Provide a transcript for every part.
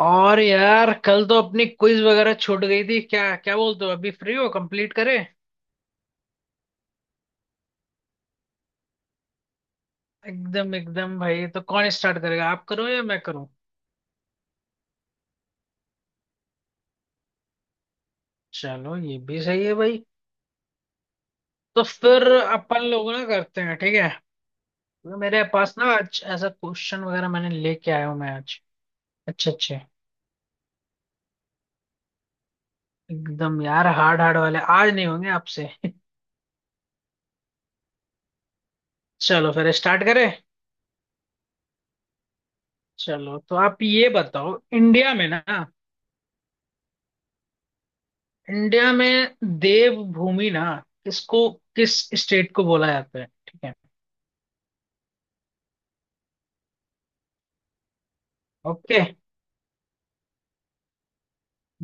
और यार कल तो अपनी क्विज वगैरह छूट गई थी। क्या क्या बोलते हो, अभी फ्री हो? कंप्लीट करें। एकदम एकदम भाई। तो कौन स्टार्ट करेगा, आप करो या मैं करूं? चलो ये भी सही है भाई। तो फिर अपन लोग ना करते हैं, ठीक है। क्योंकि मेरे पास ना आज ऐसा क्वेश्चन वगैरह मैंने लेके आया हूँ मैं आज। अच्छे अच्छे। एकदम यार, हार्ड हार्ड वाले आज नहीं होंगे आपसे चलो फिर स्टार्ट करें। चलो, तो आप ये बताओ, इंडिया में ना, इंडिया में देवभूमि ना किसको किस स्टेट को बोला जाता है, ठीक है। ओके।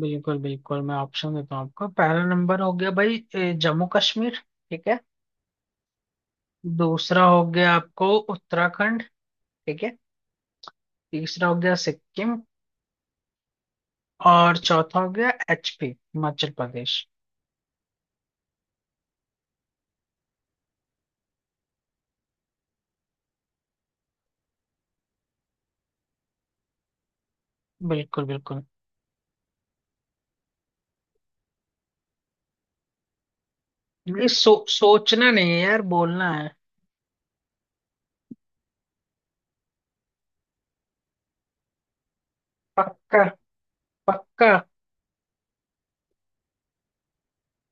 बिल्कुल बिल्कुल, मैं ऑप्शन देता हूँ आपको। पहला नंबर हो गया भाई ए, जम्मू कश्मीर। ठीक है। दूसरा हो गया आपको उत्तराखंड। ठीक है। तीसरा हो गया सिक्किम। और चौथा हो गया एचपी, हिमाचल प्रदेश। बिल्कुल बिल्कुल। ये सोचना नहीं है यार, बोलना है। पक्का। पक्का।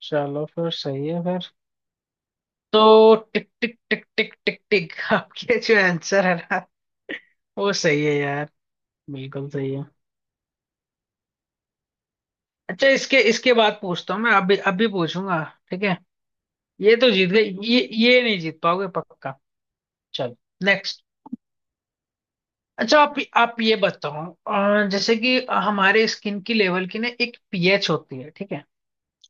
चलो फिर सही है फिर। तो टिक टिक टिक टिक टिक टिक आपके जो आंसर है ना, वो सही है यार। बिल्कुल सही है। अच्छा इसके इसके बाद पूछता हूँ मैं, अभी अभी पूछूंगा। ठीक है। ये तो जीत गए। ये नहीं जीत पाओगे पक्का। चलो। नेक्स्ट। अच्छा, आप ये बताओ, जैसे कि हमारे स्किन की लेवल की ना एक पीएच होती है, ठीक है।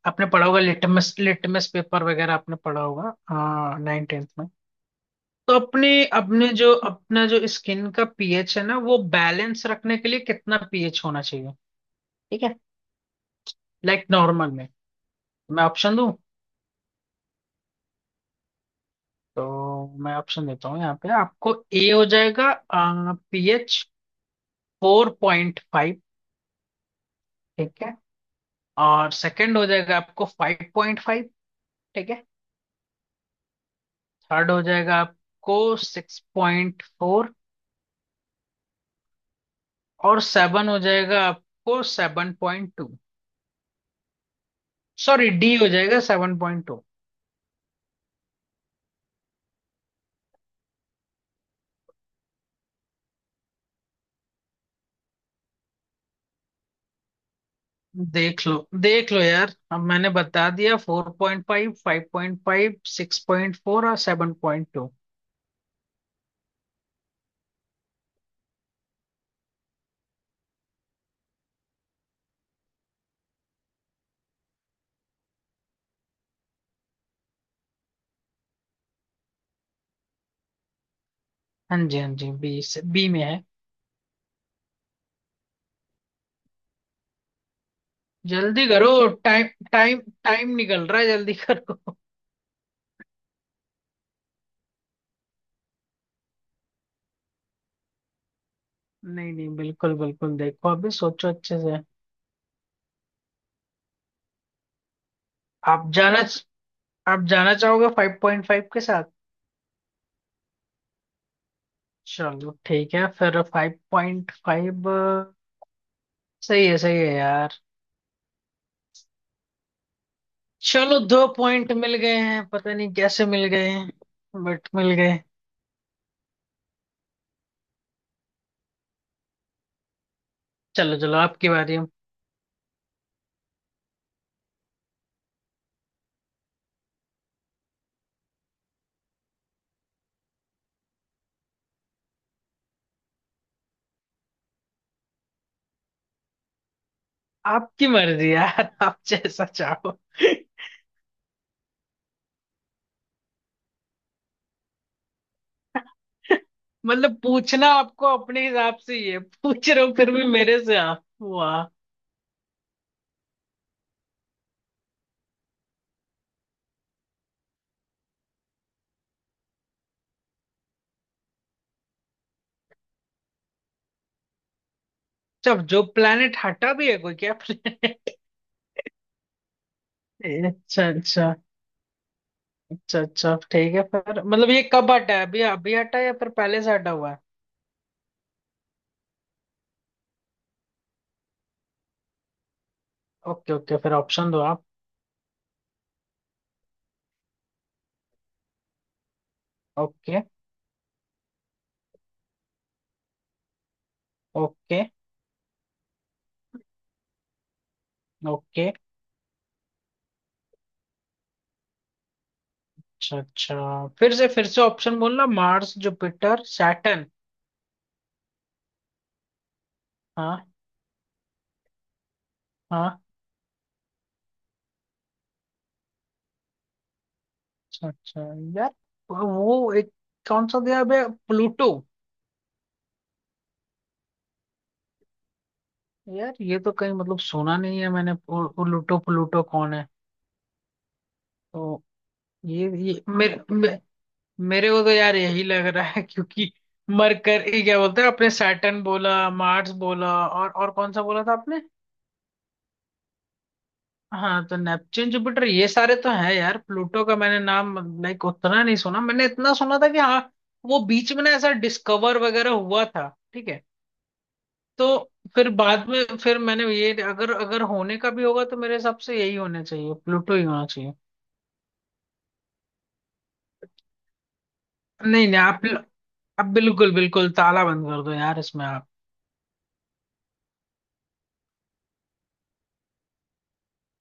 आपने पढ़ा होगा, लिटमस लिटमस पेपर वगैरह आपने पढ़ा होगा 9th-10th में। तो अपने अपने जो अपना जो स्किन का पीएच है ना, वो बैलेंस रखने के लिए कितना पीएच होना चाहिए, ठीक है। लाइक नॉर्मल में। मैं ऑप्शन दूं? तो मैं ऑप्शन देता हूँ। यहाँ पे आपको ए हो जाएगा पीएच 4.5। ठीक है। और सेकंड हो जाएगा आपको 5.5। ठीक है। थर्ड हो जाएगा आपको 6.4। और सेवन हो जाएगा आपको 7.2। सॉरी, डी हो जाएगा 7.2। देख लो, देख लो यार, अब मैंने बता दिया, 4.5, 5.5, 6.4 और 7.2। हाँ जी, हाँ जी, बी। बी में है। जल्दी करो। टाइम टाइम टाइम निकल रहा है, जल्दी करो। नहीं नहीं, बिल्कुल बिल्कुल, देखो, अभी सोचो अच्छे से। आप जाना आप जाना चाहोगे 5.5 के साथ? चलो ठीक है फिर, 5.5। सही है, सही है यार। चलो, दो पॉइंट मिल गए हैं, पता नहीं कैसे मिल गए हैं, बट मिल गए। चलो चलो, आपकी बारी है। आपकी मर्जी यार आप जैसा चाहो। मतलब पूछना आपको अपने हिसाब से ही है, पूछ रहे हो फिर भी मेरे से आप, वाह। जब जो प्लेनेट हटा भी है, कोई क्या planet? अच्छा अच्छा। अच्छा अच्छा ठीक है फिर, मतलब ये कब हटा है, अभी अभी हटा है या फिर पहले से हटा हुआ है? ओके ओके, फिर ऑप्शन दो आप। ओके। ओके। ओके। अच्छा अच्छा। फिर से ऑप्शन बोलना। Mars, Jupiter, Saturn. हाँ। हाँ। अच्छा अच्छा यार, वो एक कौन सा दिया बे? प्लूटो? यार, ये तो कहीं मतलब सुना नहीं है मैंने। प्लूटो, प्लूटो कौन है? तो ये मेरे मेरे को तो यार यही लग रहा है क्योंकि मरकर ये क्या बोलते हैं, आपने सैटर्न बोला, मार्स बोला, और कौन सा बोला था आपने? हाँ, तो नेपच्यून, जुपिटर, ये सारे तो हैं यार। प्लूटो का मैंने नाम, लाइक उतना नहीं सुना। मैंने इतना सुना था कि हाँ, वो बीच में ना ऐसा डिस्कवर वगैरह हुआ था, ठीक है। तो फिर बाद में फिर मैंने ये, अगर अगर होने का भी होगा तो मेरे हिसाब से यही होना चाहिए, प्लूटो ही होना चाहिए। नहीं नहीं, आप बिल्कुल बिल्कुल ताला बंद कर दो यार, इसमें आप।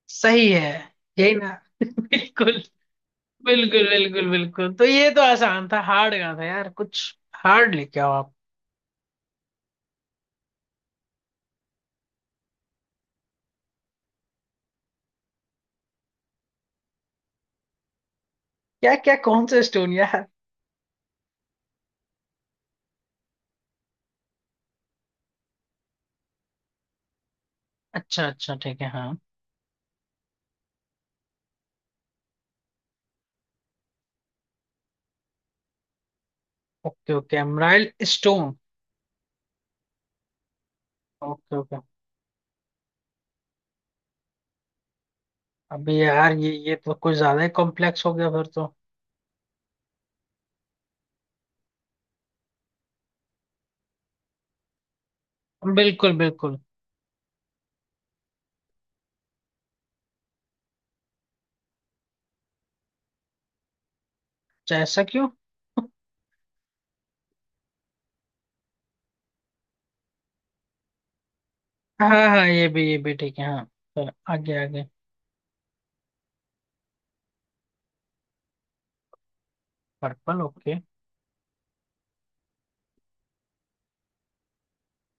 सही है। यही ना? बिल्कुल बिल्कुल बिल्कुल। बिल्कुल, तो ये तो आसान था, हार्ड का था यार कुछ, हार्ड लेके आओ आप। क्या क्या कौन सा स्टोन यार? अच्छा अच्छा ठीक है हाँ। Okay okay, emerald stone. Okay okay. अभी यार, ये तो कुछ ज्यादा ही कॉम्प्लेक्स हो गया फिर तो। बिल्कुल बिल्कुल। अच्छा, ऐसा क्यों? हाँ हाँ हाँ, ये भी ठीक है हाँ। तो आगे आगे। पर्पल? ओके।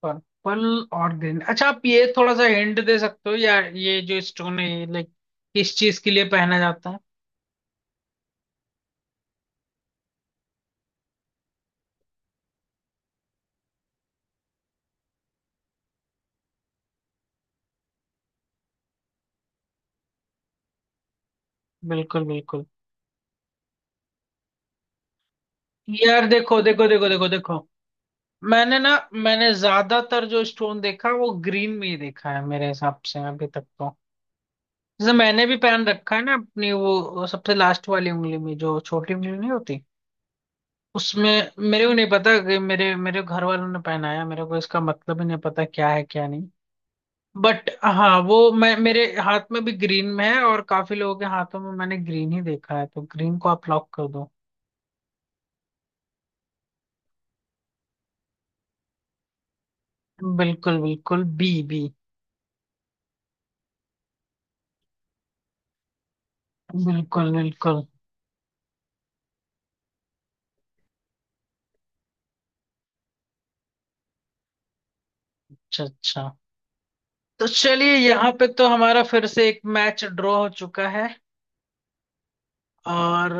पर्पल और ग्रीन। अच्छा, आप ये थोड़ा सा हिंट दे सकते हो, या ये जो स्टोन है लाइक किस चीज के लिए पहना जाता है? बिल्कुल बिल्कुल। यार देखो देखो देखो देखो देखो, मैंने ज्यादातर जो स्टोन देखा वो ग्रीन में ही देखा है मेरे हिसाब से अभी तक तो। जैसे मैंने भी पहन रखा है ना, अपनी वो सबसे लास्ट वाली उंगली में, जो छोटी उंगली नहीं होती, उसमें। मेरे को नहीं पता कि मेरे मेरे घर वालों ने पहनाया मेरे को, इसका मतलब ही नहीं पता, क्या है क्या नहीं। बट हाँ, वो मैं मेरे हाथ में भी ग्रीन में है, और काफी लोगों के हाथों में मैंने ग्रीन ही देखा है, तो ग्रीन को आप लॉक कर दो। बिल्कुल बिल्कुल, बी। बी। बिल्कुल बिल्कुल। अच्छा अच्छा। तो चलिए यहाँ पे तो हमारा फिर से एक मैच ड्रॉ हो चुका है। और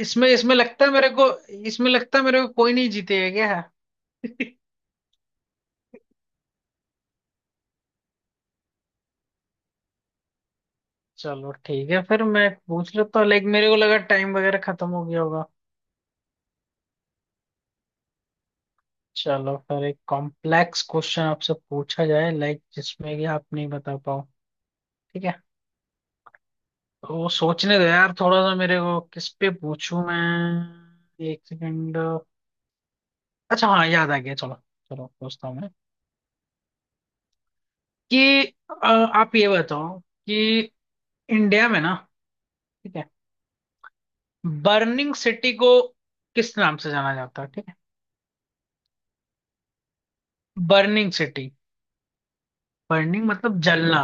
इसमें इसमें लगता है मेरे को इसमें लगता है मेरे को कोई नहीं जीतेगा क्या? चलो ठीक है फिर, मैं पूछ लेता हूँ। लाइक मेरे को लगा टाइम वगैरह खत्म हो गया होगा। चलो फिर एक कॉम्प्लेक्स क्वेश्चन आपसे पूछा जाए, लाइक जिसमें कि आप नहीं बता पाओ। ठीक है। तो वो सोचने दो यार थोड़ा सा मेरे को, किस पे पूछूं मैं, एक सेकंड। अच्छा हाँ याद आ गया, चलो। चलो पूछता हूँ मैं कि आप ये बताओ कि इंडिया में ना, ठीक है, बर्निंग सिटी को किस नाम से जाना जाता है, ठीक है। Burning city. बर्निंग मतलब जलना।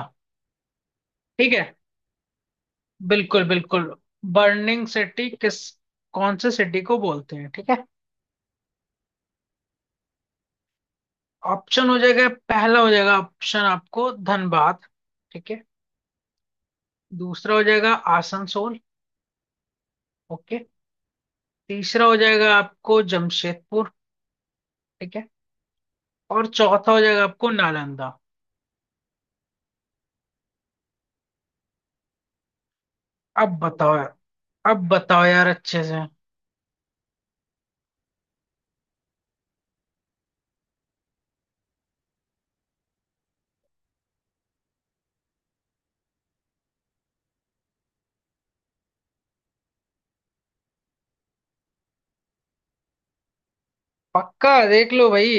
ठीक है। बिल्कुल बिल्कुल। बर्निंग सिटी किस कौन से सिटी को बोलते हैं, ठीक है। ऑप्शन हो जाएगा, पहला हो जाएगा ऑप्शन आपको धनबाद, ठीक है। दूसरा हो जाएगा आसनसोल। ओके। तीसरा हो जाएगा आपको जमशेदपुर, ठीक है। और चौथा हो जाएगा आपको नालंदा। अब बताओ यार अब बताओ यार अच्छे से। पक्का? देख लो भाई।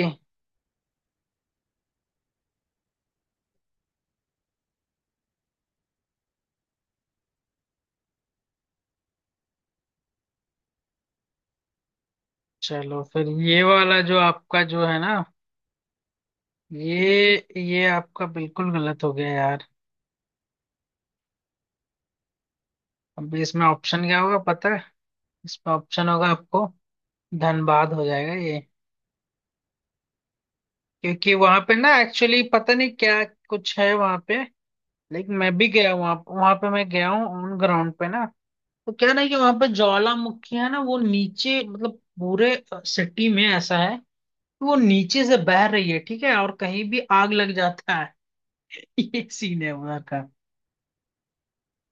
चलो फिर ये वाला जो आपका जो है ना, ये ये आपका बिल्कुल गलत हो गया यार। अब इसमें ऑप्शन क्या होगा पता है? इसमें ऑप्शन होगा आपको धनबाद हो जाएगा ये। क्योंकि वहां पे ना एक्चुअली पता नहीं क्या कुछ है वहां पे, लेकिन मैं भी गया वहां, पे मैं गया हूँ ऑन ग्राउंड पे ना। तो क्या ना कि वहां पे ज्वालामुखी है ना, वो नीचे मतलब पूरे सिटी में ऐसा है कि वो नीचे से बह रही है, ठीक है, और कहीं भी आग लग जाता है। ये सीन है उधर का।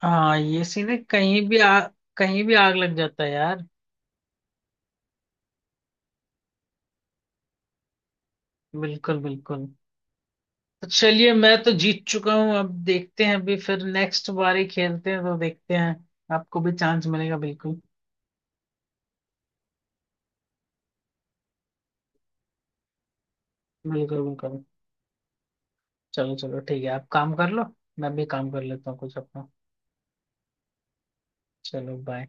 हाँ, ये सीन है, कहीं भी कहीं भी आग लग जाता है यार। बिल्कुल बिल्कुल। तो चलिए, मैं तो जीत चुका हूँ, अब देखते हैं, अभी फिर नेक्स्ट बारी खेलते हैं तो देखते हैं, आपको भी चांस मिलेगा बिल्कुल। बिल्कुल बिल्कुल। चलो चलो ठीक है, आप काम कर लो, मैं भी काम कर लेता हूँ कुछ अपना। चलो बाय।